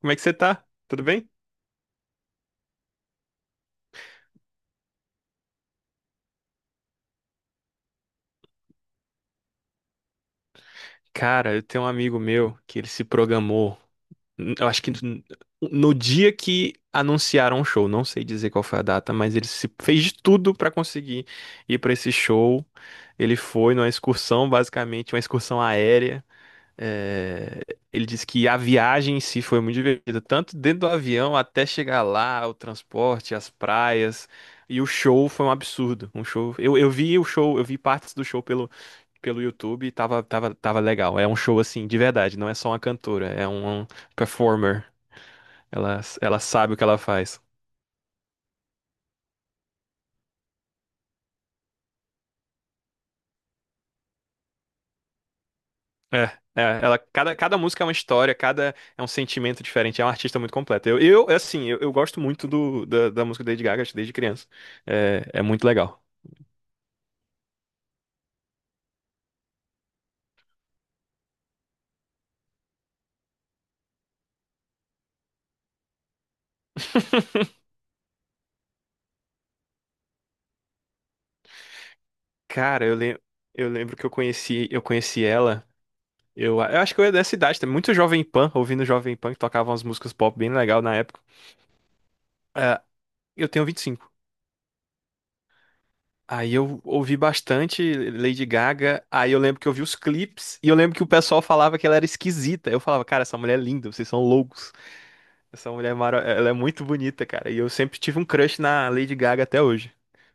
Como é que você tá? Tudo bem? Cara, eu tenho um amigo meu que ele se programou. Eu acho que no dia que anunciaram o show, não sei dizer qual foi a data, mas ele se fez de tudo pra conseguir ir pra esse show. Ele foi numa excursão, basicamente, uma excursão aérea. É, ele disse que a viagem em si foi muito divertida, tanto dentro do avião até chegar lá, o transporte, as praias. E o show foi um absurdo. Um show. Eu vi o show, eu vi partes do show pelo YouTube e tava legal. É um show assim, de verdade, não é só uma cantora, é um performer. Ela sabe o que ela faz. É, cada música é uma história, cada é um sentimento diferente, é uma artista muito completa. Eu assim, eu gosto muito da música da Lady Gaga desde criança. É muito legal. Cara, eu lembro que eu conheci ela. Eu acho que eu era dessa idade, também, muito Jovem Pan, ouvindo Jovem Pan, que tocava umas músicas pop bem legal na época. É, eu tenho 25. Aí eu ouvi bastante Lady Gaga, aí eu lembro que eu vi os clipes, e eu lembro que o pessoal falava que ela era esquisita. Eu falava, cara, essa mulher é linda, vocês são loucos. Essa mulher ela é muito bonita, cara. E eu sempre tive um crush na Lady Gaga até hoje.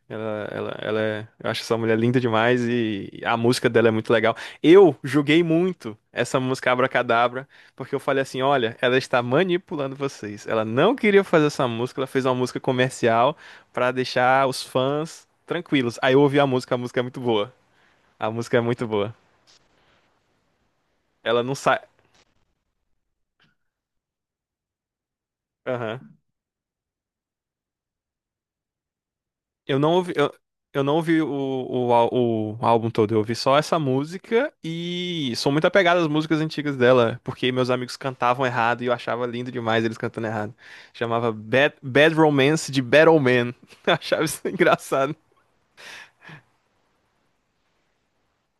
Ela é... Eu acho essa mulher linda demais e a música dela é muito legal. Eu julguei muito essa música Abracadabra, porque eu falei assim, olha, ela está manipulando vocês. Ela não queria fazer essa música, ela fez uma música comercial pra deixar os fãs tranquilos. Aí eu ouvi a música é muito boa. A música é muito boa. Ela não sai... Aham. Eu não ouvi, eu, eu não ouvi o álbum todo, eu ouvi só essa música e sou muito apegado às músicas antigas dela, porque meus amigos cantavam errado e eu achava lindo demais eles cantando errado. Chamava Bad Romance de Battle Man. Eu achava isso engraçado.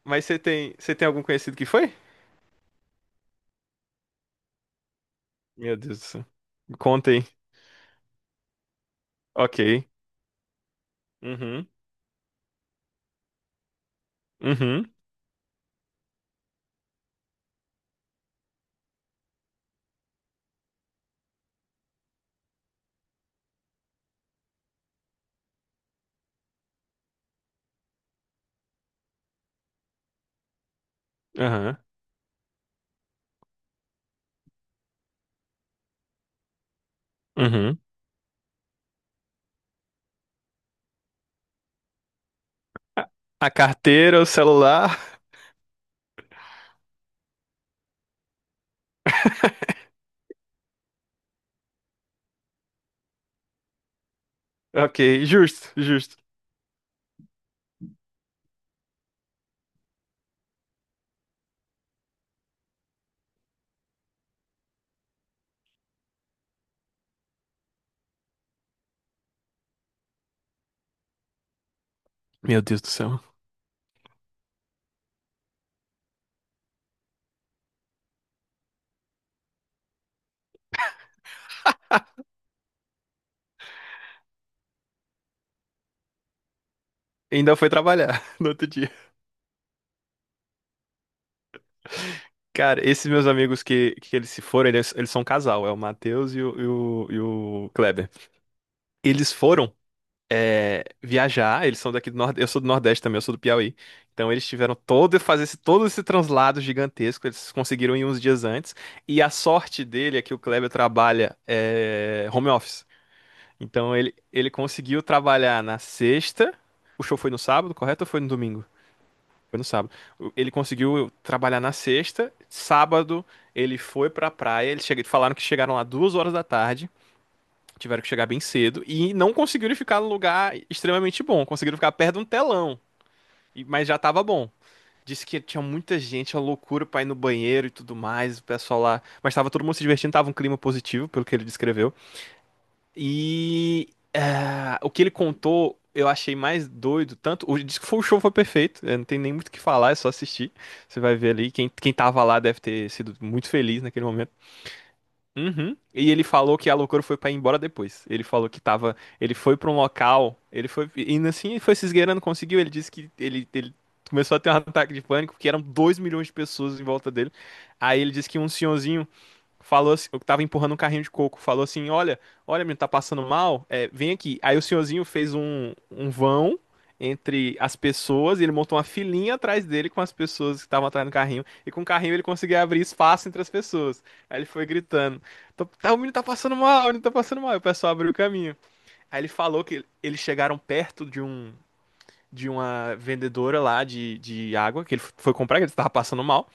Mas você tem algum conhecido que foi? Meu Deus do céu. Conta aí. Ok. Uhum. Uhum. Aham. Uhum. A, a carteira, o celular. Ok, justo, justo. Meu Deus do céu. Ainda foi trabalhar no outro dia. Cara, esses meus amigos que eles se foram, eles são um casal, é o Matheus e o Kleber. Eles foram viajar, eles são daqui do Nordeste, eu sou do Nordeste também, eu sou do Piauí. Então eles tiveram todo esse translado gigantesco, eles conseguiram ir uns dias antes. E a sorte dele é que o Kleber trabalha home office. Então ele conseguiu trabalhar na sexta, o show foi no sábado, correto? Ou foi no domingo? Foi no sábado. Ele conseguiu trabalhar na sexta. Sábado, ele foi pra praia. Falaram que chegaram lá 2 horas da tarde. Tiveram que chegar bem cedo. E não conseguiram ficar num lugar extremamente bom. Conseguiram ficar perto de um telão. Mas já tava bom. Disse que tinha muita gente, uma loucura pra ir no banheiro e tudo mais. O pessoal lá. Mas tava todo mundo se divertindo. Tava um clima positivo, pelo que ele descreveu. E o que ele contou, eu achei mais doido. Tanto o disco foi o show foi perfeito. Não tem nem muito o que falar, é só assistir. Você vai ver ali. Quem tava lá deve ter sido muito feliz naquele momento. Uhum. E ele falou que a loucura foi pra ir embora depois. Ele falou que tava. Ele foi pra um local. Ele foi. Indo assim, ele foi se esgueirando, conseguiu. Ele disse que ele começou a ter um ataque de pânico, porque eram 2 milhões de pessoas em volta dele. Aí ele disse que um senhorzinho falou assim, eu tava empurrando um carrinho de coco, falou assim, olha, menino, tá passando mal, vem aqui. Aí o senhorzinho fez um vão entre as pessoas e ele montou uma filinha atrás dele com as pessoas que estavam atrás do carrinho. E com o carrinho ele conseguia abrir espaço entre as pessoas. Aí ele foi gritando, "Tá, o menino tá passando mal, o menino tá passando mal. E o pessoal abriu o caminho. Aí ele falou que eles chegaram perto de um... De uma vendedora lá de água que ele foi comprar, que ele estava passando mal.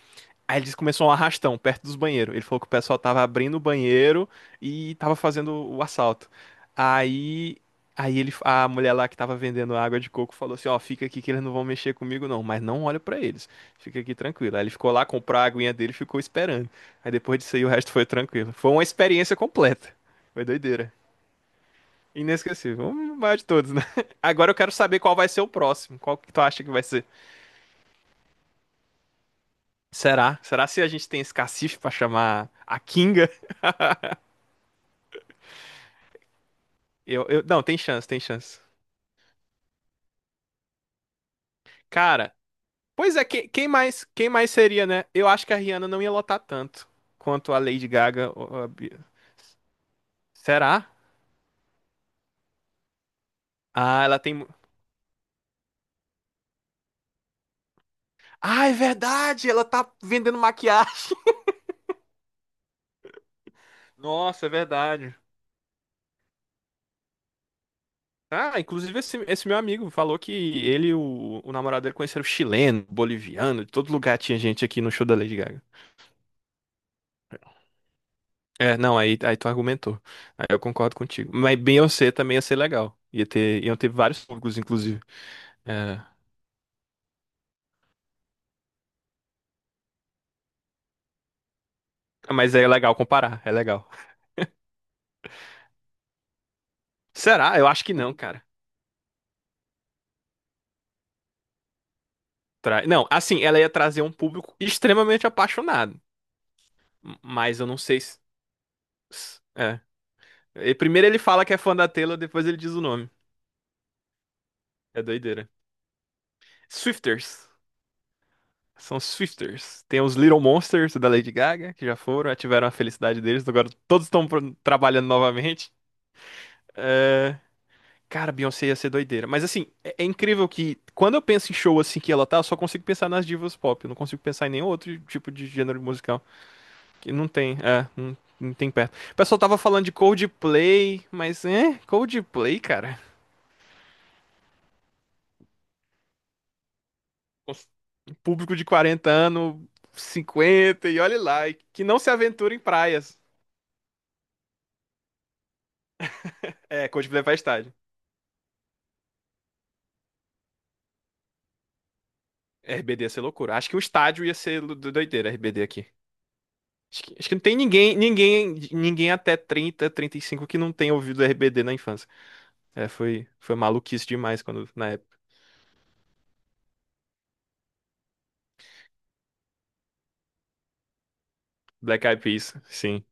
Aí ele disse que começou um arrastão perto dos banheiros. Ele falou que o pessoal tava abrindo o banheiro e tava fazendo o assalto. Aí, aí a mulher lá que tava vendendo água de coco falou assim: Ó, fica aqui que eles não vão mexer comigo não, mas não olha pra eles. Fica aqui tranquilo. Aí ele ficou lá, comprou a aguinha dele e ficou esperando. Aí depois disso aí o resto foi tranquilo. Foi uma experiência completa. Foi doideira. Inesquecível. O maior de todos, né? Agora eu quero saber qual vai ser o próximo. Qual que tu acha que vai ser? Será? Será se a gente tem esse cacife pra chamar a Kinga? Não, tem chance, tem chance. Cara, pois é, quem mais seria, né? Eu acho que a Rihanna não ia lotar tanto quanto a Lady Gaga, ou a Bia. Será? Ah, ela tem. Ah, é verdade! Ela tá vendendo maquiagem. Nossa, é verdade. Ah, inclusive esse meu amigo falou que ele e o namorado dele conheceram chileno, boliviano, de todo lugar tinha gente aqui no show da Lady Gaga. É, não, aí tu argumentou. Aí eu concordo contigo. Mas Beyoncé também ia ser legal. Iam ter vários públicos, inclusive. É, mas é legal comparar, é legal. Será? Eu acho que não, cara. Não, assim, ela ia trazer um público extremamente apaixonado. Mas eu não sei se. É. E primeiro ele fala que é fã da Taylor, depois ele diz o nome. É doideira. Swifters. São Swifters. Tem os Little Monsters da Lady Gaga, que já foram, já tiveram a felicidade deles, agora todos estão trabalhando novamente. É, cara, Beyoncé ia ser doideira. Mas assim, é incrível que quando eu penso em show assim que ela tá, eu só consigo pensar nas divas pop. Eu não consigo pensar em nenhum outro tipo de gênero musical. Que não tem, não tem perto. O pessoal tava falando de Coldplay, mas é, Coldplay, cara. Um público de 40 anos, 50 e olhe lá, e que não se aventura em praias. É, Coldplay vai estádio. RBD ia ser loucura. Acho que o estádio ia ser doideira, RBD aqui. Acho que não tem ninguém até 30, 35 que não tenha ouvido RBD na infância. É, foi maluquice demais quando, na época. Black Eyed Peas, sim.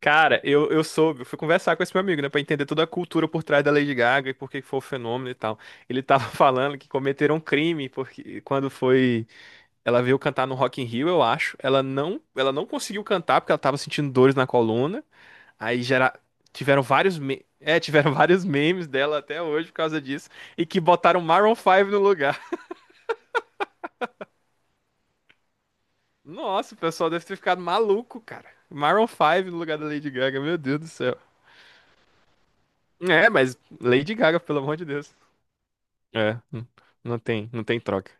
Cara, eu fui conversar com esse meu amigo, né, pra entender toda a cultura por trás da Lady Gaga e por que foi o fenômeno e tal. Ele tava falando que cometeram um crime porque quando foi, ela veio cantar no Rock in Rio, eu acho, ela não conseguiu cantar porque ela tava sentindo dores na coluna. Aí gera... Tiveram vários memes dela até hoje por causa disso. E que botaram Maroon 5 no lugar. Nossa, o pessoal deve ter ficado maluco, cara. Maroon 5 no lugar da Lady Gaga, meu Deus do céu. É, mas Lady Gaga, pelo amor de Deus. É, não tem troca.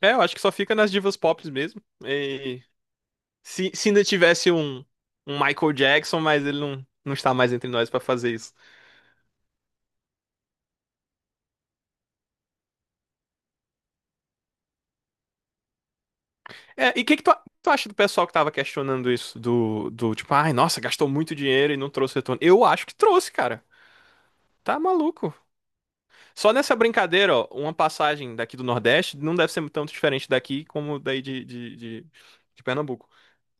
É, eu acho que só fica nas divas pop mesmo. E se ainda tivesse um Michael Jackson, mas ele não está mais entre nós pra fazer isso. É, e o que que tu acha do pessoal que tava questionando isso? Do tipo, ai, nossa, gastou muito dinheiro e não trouxe retorno. Eu acho que trouxe, cara. Tá maluco. Só nessa brincadeira, ó, uma passagem daqui do Nordeste não deve ser tanto diferente daqui como daí de Pernambuco.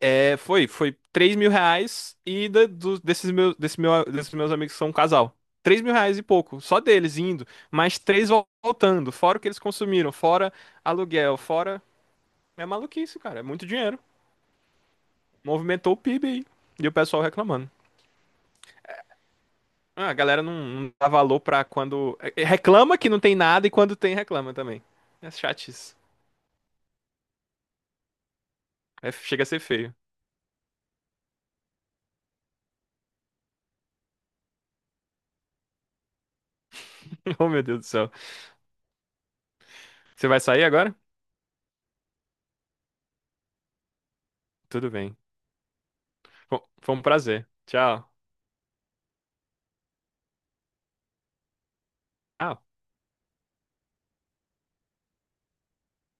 É, foi 3 mil reais e desses meus amigos que são um casal. 3 mil reais e pouco, só deles indo, mais três voltando, fora o que eles consumiram, fora aluguel, fora. É maluquice, cara, é muito dinheiro. Movimentou o PIB aí. E o pessoal reclamando. Ah, a galera não dá valor pra quando. Reclama que não tem nada e quando tem, reclama também. É chatice. É, chega a ser feio. Oh, meu Deus do céu. Você vai sair agora? Tudo bem. Bom, foi um prazer. Tchau. Ah,